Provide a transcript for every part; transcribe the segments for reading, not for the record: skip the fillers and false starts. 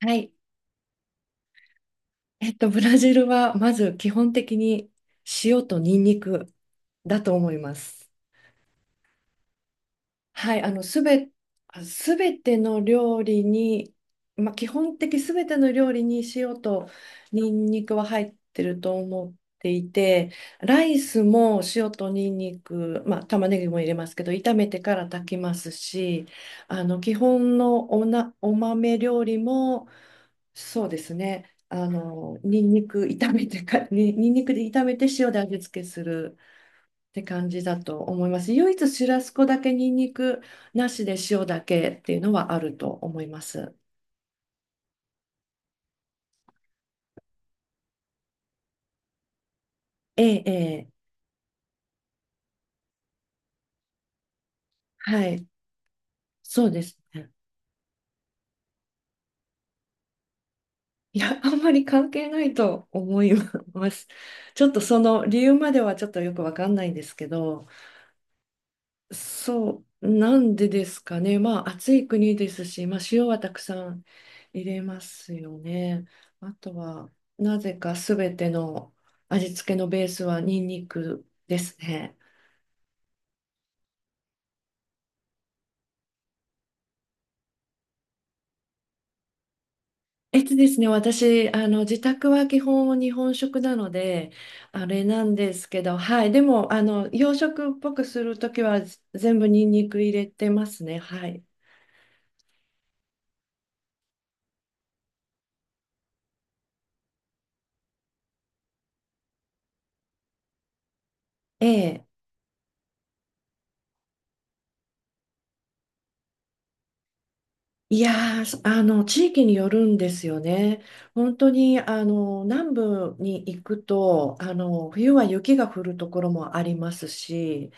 はい。ブラジルはまず基本的に塩とニンニクだと思います。はい、あすべての料理に、基本的すべての料理に塩とニンニクは入ってると思っていて、ライスも塩とニンニク、まあ、玉ねぎも入れますけど、炒めてから炊きますし、基本のお豆料理も、そうですね、ニンニクで炒めて塩で味付けする。って感じだと思います。唯一シュラスコだけニンニクなしで塩だけっていうのはあると思います。ええ、ええ、はい、そうですね。いや、あんまり関係ないと思います。ちょっとその理由まではちょっとよくわかんないんですけど、そう、なんでですかね。まあ暑い国ですし、まあ塩はたくさん入れますよね。あとは、なぜかすべての味付けのベースはニンニクですね。私、自宅は基本日本食なので、あれなんですけど、はい、でも、洋食っぽくするときは全部ニンニク入れてますね、はい。ええ。いやー、そあの、地域によるんですよね。本当に、南部に行くと、冬は雪が降るところもありますし、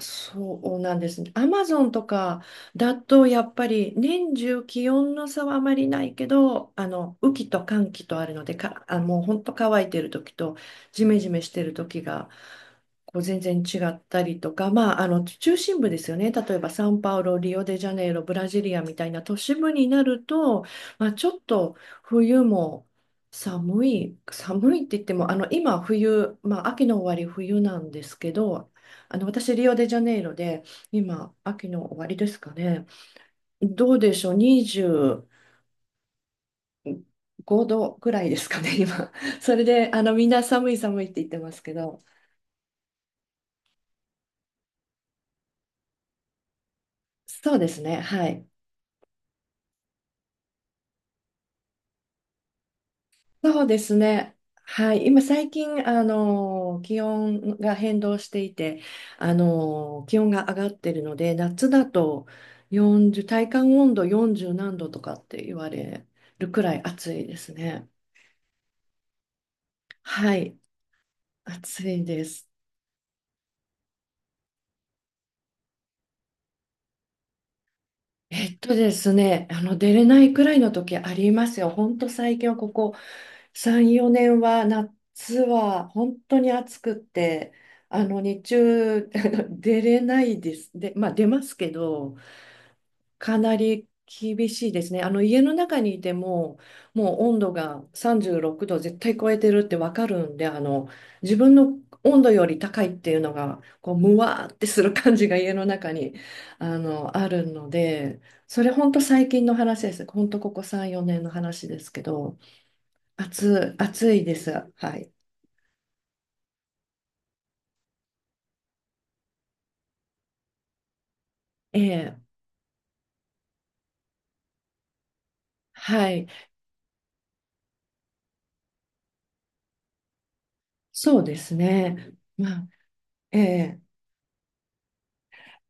そうなんですね。アマゾンとかだとやっぱり年中気温の差はあまりないけど、あの雨季と乾季とあるので、もう本当乾いてる時とジメジメしてる時がこう全然違ったりとか、まあ、あの中心部ですよね。例えばサンパウロ、リオデジャネイロ、ブラジリアみたいな都市部になると、まあ、ちょっと冬も寒いって言っても、あの今冬、まあ、秋の終わり冬なんですけど、私、リオデジャネイロで、今、秋の終わりですかね。どうでしょう、25度ぐらいですかね、今。それで、みんな寒い寒いって言ってますけど、そうですね、はい。そうですね、はい。今、最近、気温が変動していて、気温が上がってるので、夏だと40、体感温度40何度とかって言われるくらい暑いですね。はい、暑いです。あの出れないくらいの時ありますよ。ほんと最近はここ3、4年は夏は本当に暑くって、あの日中 出れないです。で、まあ出ますけど、かなり厳しいですね。あの家の中にいても、もう温度が36度絶対超えてるってわかるんで、あの自分の温度より高いっていうのが、こうむわーってする感じが 家の中にあのあるので、それ本当最近の話です。本当ここ3、4年の話ですけど、暑いです。はい。ええ、はい。そうですね。まあ、ええ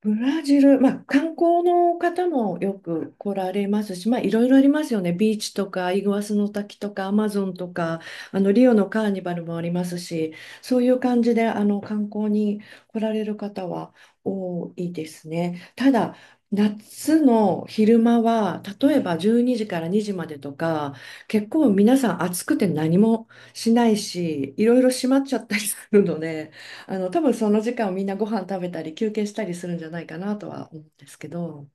ブラジル、まあ、観光の方もよく来られますし、まあ、いろいろありますよね。ビーチとか、イグアスの滝とか、アマゾンとか、あのリオのカーニバルもありますし、そういう感じであの観光に来られる方は多いですね。ただ、夏の昼間は、例えば12時から2時までとか、結構皆さん暑くて何もしないし、いろいろ閉まっちゃったりするので、多分その時間をみんなご飯食べたり休憩したりするんじゃないかなとは思うんですけど、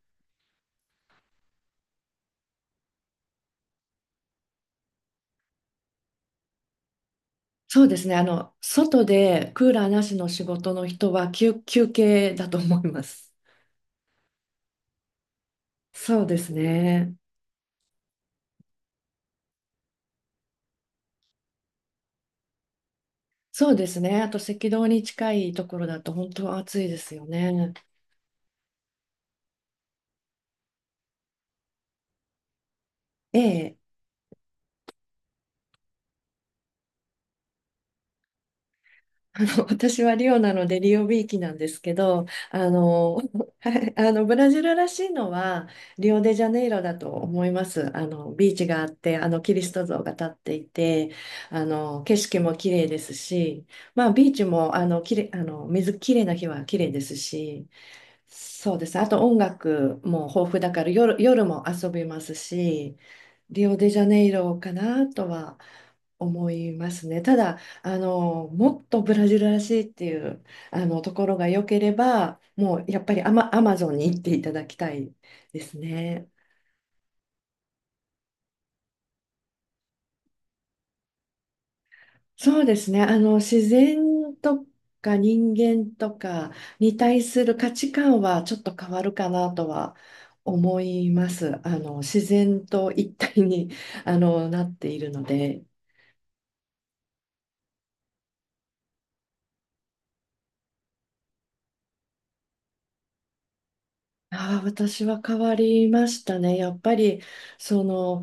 そうですね、外でクーラーなしの仕事の人は休憩だと思います。そうですね。そうですね。あと赤道に近いところだと本当は暑いですよね。ええあの 私はリオなのでリオビーきなんですけど、はいあのブラジルらしいのはリオデジャネイロだと思います。あのビーチがあって、あのキリスト像が立っていて、あの景色も綺麗ですし、まあビーチもあのきれい、あの水綺麗な日は綺麗ですし、そうです。あと音楽も豊富だから夜も遊びますし、リオデジャネイロかなとは思いますね。ただ、もっとブラジルらしいっていう、ところが良ければ、もうやっぱりアマゾンに行っていただきたいですね。そうですね。自然とか人間とかに対する価値観はちょっと変わるかなとは思います。自然と一体に、あの、なっているので。ああ、私は変わりましたね。やっぱり、その、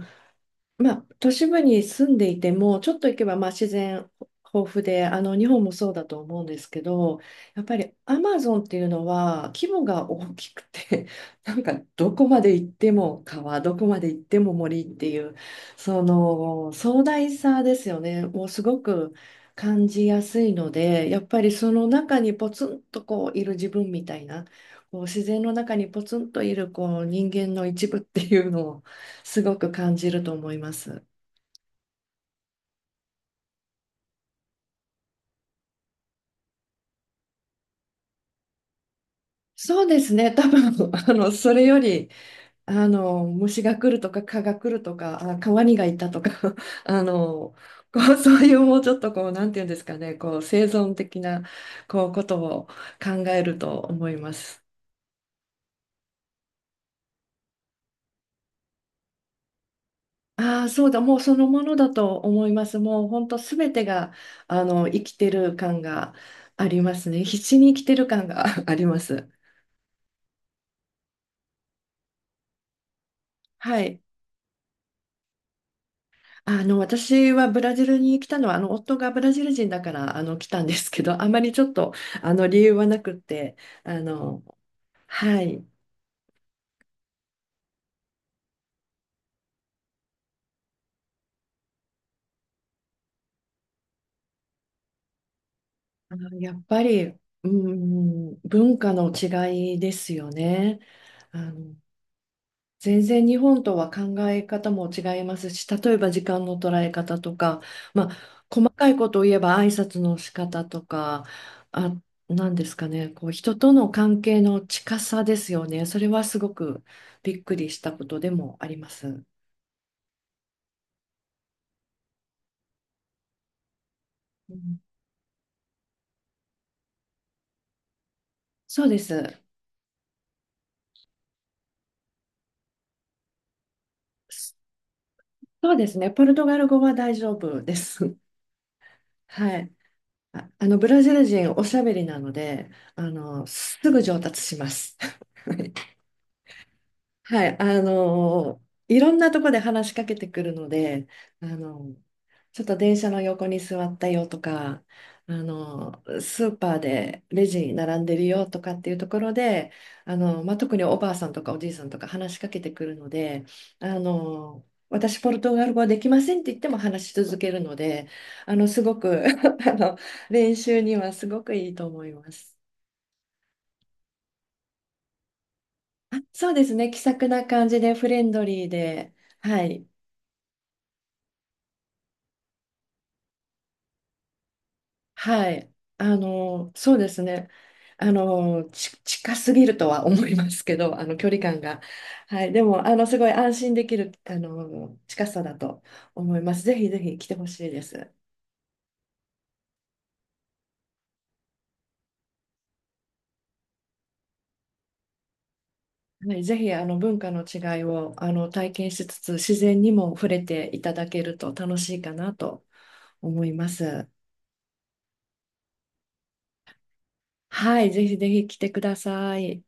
まあ、都市部に住んでいても、ちょっと行けばまあ自然豊富で、あの日本もそうだと思うんですけど、やっぱりアマゾンっていうのは規模が大きくて、なんかどこまで行っても川、どこまで行っても森っていう、その壮大さですよね、もうすごく感じやすいので、やっぱりその中にポツンとこういる自分みたいな、こう自然の中にポツンといるこう人間の一部っていうのをすごく感じると思います。そうですね、多分 あのそれよりあの虫が来るとか蚊が来るとかあ川にがいたとか あのこう そういうもうちょっとこうなんていうんですかねこう生存的なこうことを考えると思います。ああそうだもうそのものだと思います。もう本当すべてがあの生きてる感がありますね。必死に生きてる感が あります。はい。私はブラジルに来たのは、夫がブラジル人だから、来たんですけど、あまりちょっと、理由はなくって、あの、はい、やっぱり、うん、文化の違いですよね。あの全然日本とは考え方も違いますし、例えば時間の捉え方とか、まあ、細かいことを言えば挨拶の仕方とか、あ、なんですかね、こう人との関係の近さですよね。それはすごくびっくりしたことでもあります。うん、そうです。そうですね。ポルトガル語は大丈夫です。はい。あのブラジル人おしゃべりなので、あのすぐ上達します。はいはい、あのいろんなとこで話しかけてくるので、あのちょっと電車の横に座ったよとか、あのスーパーでレジに並んでるよとかっていうところで、あのまあ、特におばあさんとかおじいさんとか話しかけてくるので、あの私ポルトガル語できませんって言っても話し続けるので、あのすごく あの練習にはすごくいいと思います。あ、そうですね、気さくな感じでフレンドリーで。はい、はい。そうですね。近すぎるとは思いますけど、距離感が。はい。でも、すごい安心できる、近さだと思います。ぜひぜひ来てほしいです。はい。ぜひ、文化の違いを、体験しつつ、自然にも触れていただけると楽しいかなと思います。はい。ぜひぜひ来てください。